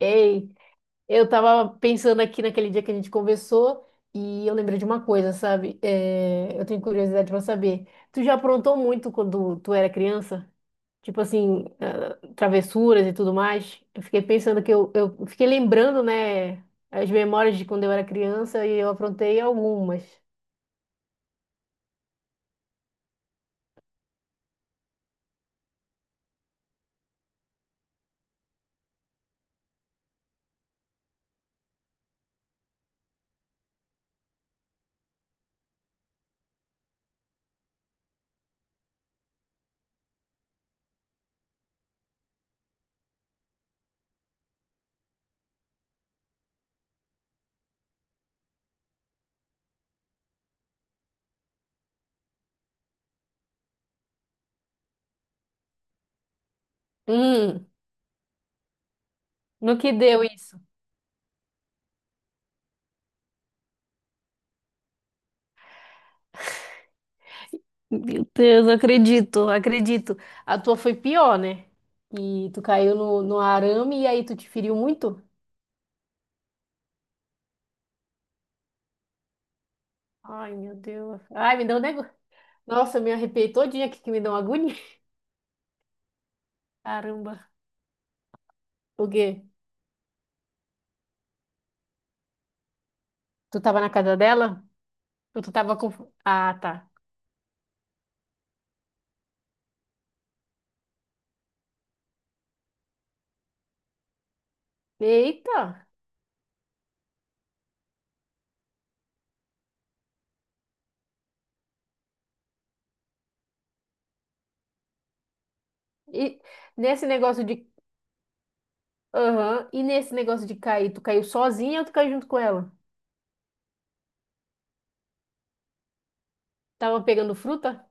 Ei, eu tava pensando aqui naquele dia que a gente conversou e eu lembrei de uma coisa, sabe? É, eu tenho curiosidade pra saber. Tu já aprontou muito quando tu era criança? Tipo assim, travessuras e tudo mais? Eu fiquei pensando que eu fiquei lembrando, né, as memórias de quando eu era criança e eu aprontei algumas. Hum, no que deu isso? Meu Deus, acredito, acredito. A tua foi pior, né? E tu caiu no arame e aí tu te feriu muito? Ai, meu Deus. Ai, me deu um negócio. Nossa, eu me arrepiei todinha aqui que me deu uma agonia. Caramba. O quê? Tu tava na casa dela? Ou tu tava com. Ah, tá. Eita! E nesse negócio de. Aham. E nesse negócio de cair, tu caiu sozinha ou tu caiu junto com ela? Tava pegando fruta?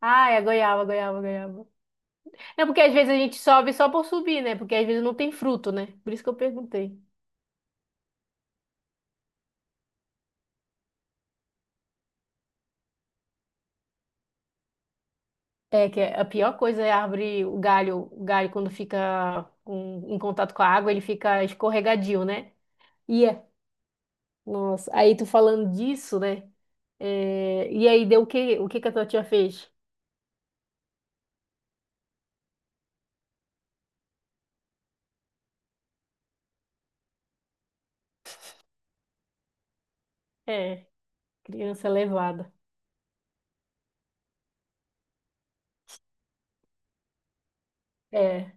Ah, é goiaba, goiaba, goiaba. É porque às vezes a gente sobe só por subir, né? Porque às vezes não tem fruto, né? Por isso que eu perguntei. É que a pior coisa é a árvore, o galho quando fica em contato com a água, ele fica escorregadio, né? E é, nossa, aí tu falando disso, né? É, e aí deu o que que a tua tia fez? É, criança levada. É,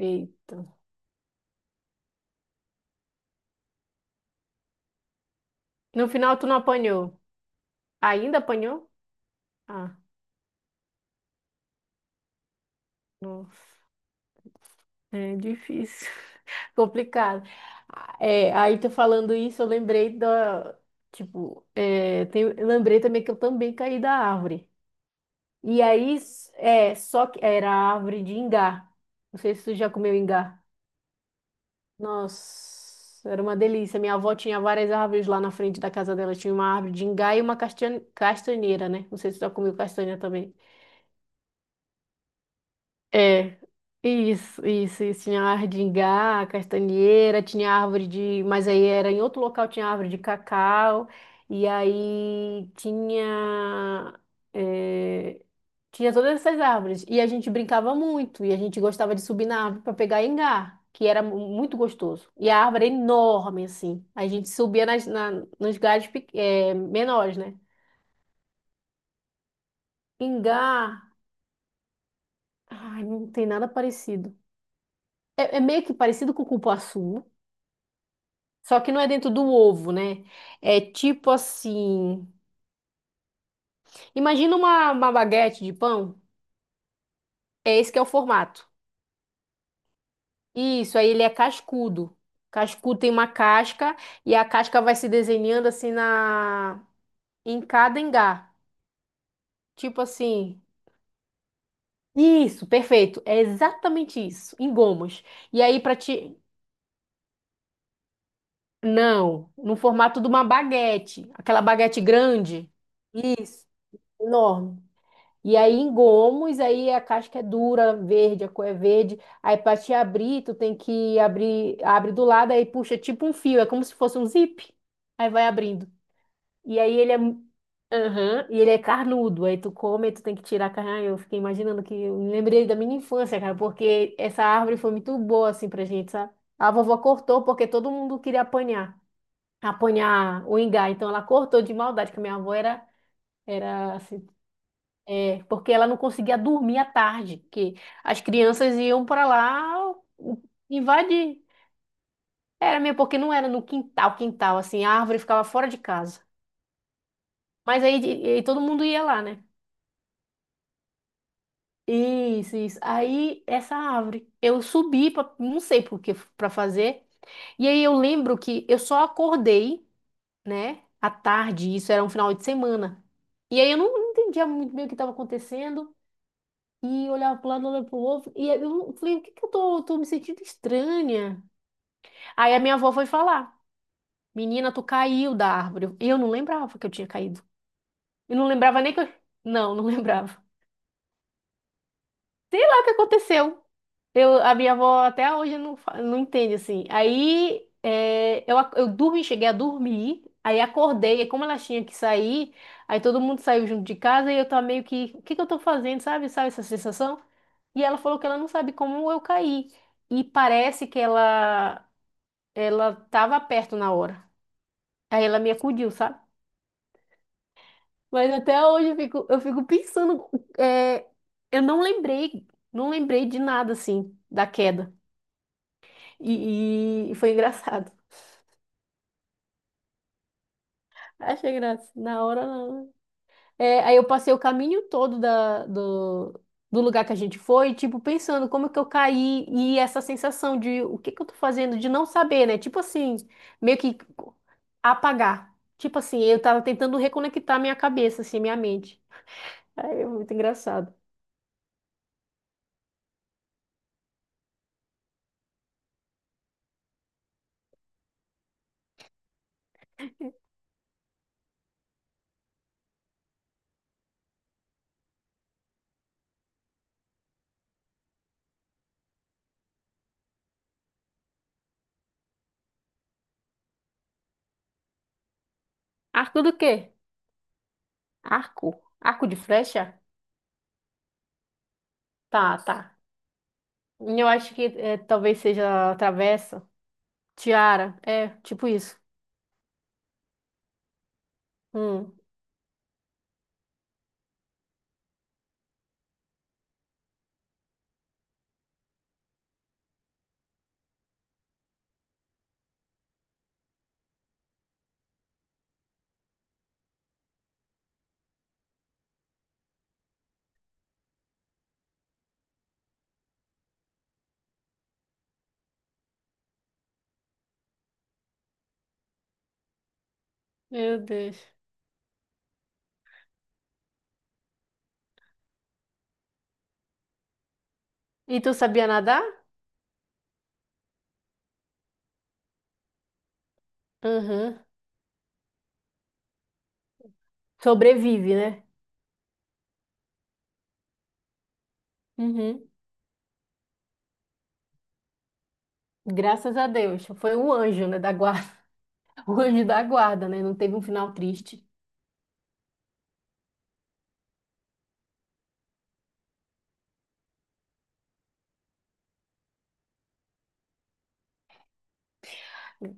eita. No final tu não apanhou. Ainda apanhou? Ah, nossa, é difícil. Complicado. É, aí tu falando isso, eu lembrei também que eu também caí da árvore. E aí, só que era a árvore de ingá. Não sei se tu já comeu ingá. Nossa, era uma delícia. Minha avó tinha várias árvores lá na frente da casa dela. Tinha uma árvore de ingá e uma castanheira, né? Não sei se tu já comeu castanha também. É, isso, isso, isso. Tinha árvore de ingá, castanheira, tinha árvore de. Mas aí era em outro local, tinha árvore de cacau, e aí tinha. é, tinha todas essas árvores. E a gente brincava muito, e a gente gostava de subir na árvore para pegar ingá, que era muito gostoso. E a árvore era enorme, assim. A gente subia nos galhos menores, né? Ingá, ai, não tem nada parecido. É, é meio que parecido com o cupuaçu. Só que não é dentro do ovo, né? É tipo assim. Imagina uma baguete de pão. É esse que é o formato. Isso, aí ele é cascudo. Cascudo tem uma casca e a casca vai se desenhando assim na em cada engar. Tipo assim. Isso, perfeito. É exatamente isso, em gomos. E aí para ti não, no formato de uma baguete, aquela baguete grande. Isso, enorme. E aí em gomos, aí a casca é dura, verde, a cor é verde. Aí para te abrir, tu tem que abrir, abre do lado, aí puxa tipo um fio, é como se fosse um zip. Aí vai abrindo. E aí ele é, Aham, e ele é carnudo. Aí tu come, aí tu tem que tirar a carne. Ai, eu fiquei imaginando que eu me lembrei da minha infância, cara, porque essa árvore foi muito boa assim pra gente, sabe? A vovó cortou porque todo mundo queria apanhar, apanhar o ingá. Então ela cortou de maldade, que a minha avó era assim, porque ela não conseguia dormir à tarde, que as crianças iam para lá invadir. Era mesmo, porque não era no quintal, quintal, assim, a árvore ficava fora de casa. Mas aí, de- e todo mundo ia lá, né? Isso, isso. Aí, essa árvore, eu subi, pra, não sei por que, para fazer. E aí, eu lembro que eu só acordei, né, à tarde, isso era um final de semana. E aí, eu não entendia muito bem o que estava acontecendo. E olhava para lado, olhava para o outro. E aí eu falei, o que que eu tô me sentindo estranha? Aí a minha avó foi falar, menina, tu caiu da árvore. E eu não lembrava que eu tinha caído. Eu não lembrava nem que eu... Não, não lembrava. Sei lá o que aconteceu. A minha avó até hoje não entende assim. Aí eu dormi, cheguei a dormir, aí acordei, e como ela tinha que sair, aí todo mundo saiu junto de casa e eu tava meio que, o que que eu tô fazendo, sabe? Sabe essa sensação? E ela falou que ela não sabe como eu caí. E parece que ela tava perto na hora. Aí ela me acudiu, sabe? Mas até hoje eu fico pensando, é, eu não lembrei, não lembrei de nada assim, da queda. E foi engraçado. Achei graça. Na hora, não. É, aí eu passei o caminho todo do, do lugar que a gente foi, tipo, pensando como é que eu caí e essa sensação de o que que eu tô fazendo, de não saber, né? Tipo assim, meio que apagar. Tipo assim, eu tava tentando reconectar minha cabeça, assim, minha mente. Aí é muito engraçado. Arco do quê? Arco? Arco de flecha? Tá, tá. Eu acho que é, talvez seja a travessa. Tiara. É, tipo isso. Hum. Meu Deus. E tu sabia nadar? Uhum. Sobrevive, né? Uhum. Graças a Deus. Foi um anjo, né, da guarda. O anjo da guarda, né? Não teve um final triste.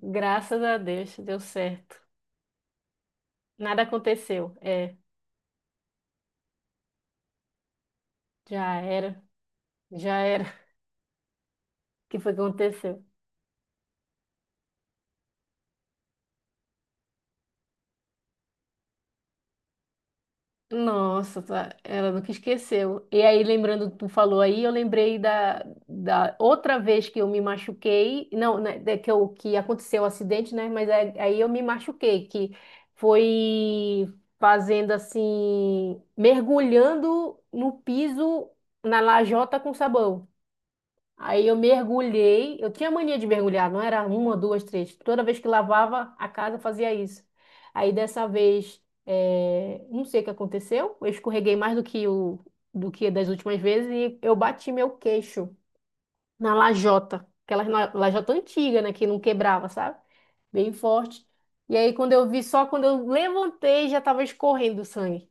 Graças a Deus, deu certo. Nada aconteceu. É, já era. Já era. O que foi que aconteceu? Nossa, tá. Ela nunca esqueceu. E aí, lembrando, tu falou aí, eu lembrei da outra vez que eu me machuquei. Não, né, da- que, eu, que aconteceu o acidente, né? Mas aí eu me machuquei, que foi fazendo assim, mergulhando no piso, na lajota com sabão. Aí eu mergulhei. Eu tinha mania de mergulhar, não era uma, duas, três. Toda vez que lavava a casa, eu fazia isso. Aí dessa vez, não sei o que aconteceu. Eu escorreguei mais do que o do que das últimas vezes e eu bati meu queixo na lajota, aquela lajota antiga, né, que não quebrava, sabe? Bem forte. E aí quando eu vi, só quando eu levantei, já estava escorrendo sangue.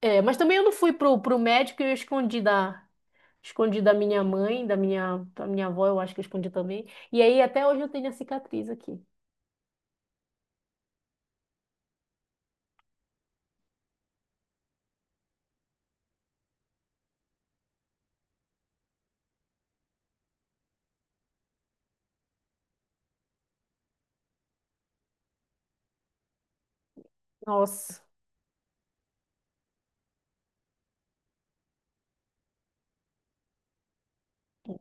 É, mas também eu não fui pro médico e eu escondi da, escondi da minha mãe, da minha avó, eu acho que eu escondi também. E aí até hoje eu tenho a cicatriz aqui. Nossa,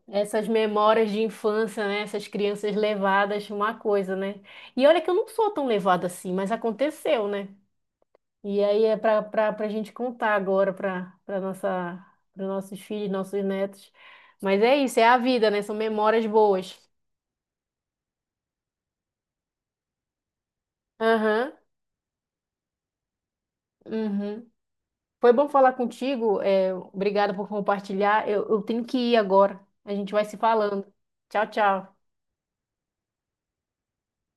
essas memórias de infância, né? Essas crianças levadas, uma coisa, né? E olha que eu não sou tão levada assim, mas aconteceu, né? E aí é para gente contar agora para nossa para nossos filhos, nossos netos. Mas é isso, é a vida, né? São memórias boas. Aham. Uhum. Foi bom falar contigo. É, obrigada por compartilhar. Eu tenho que ir agora. A gente vai se falando. Tchau, tchau.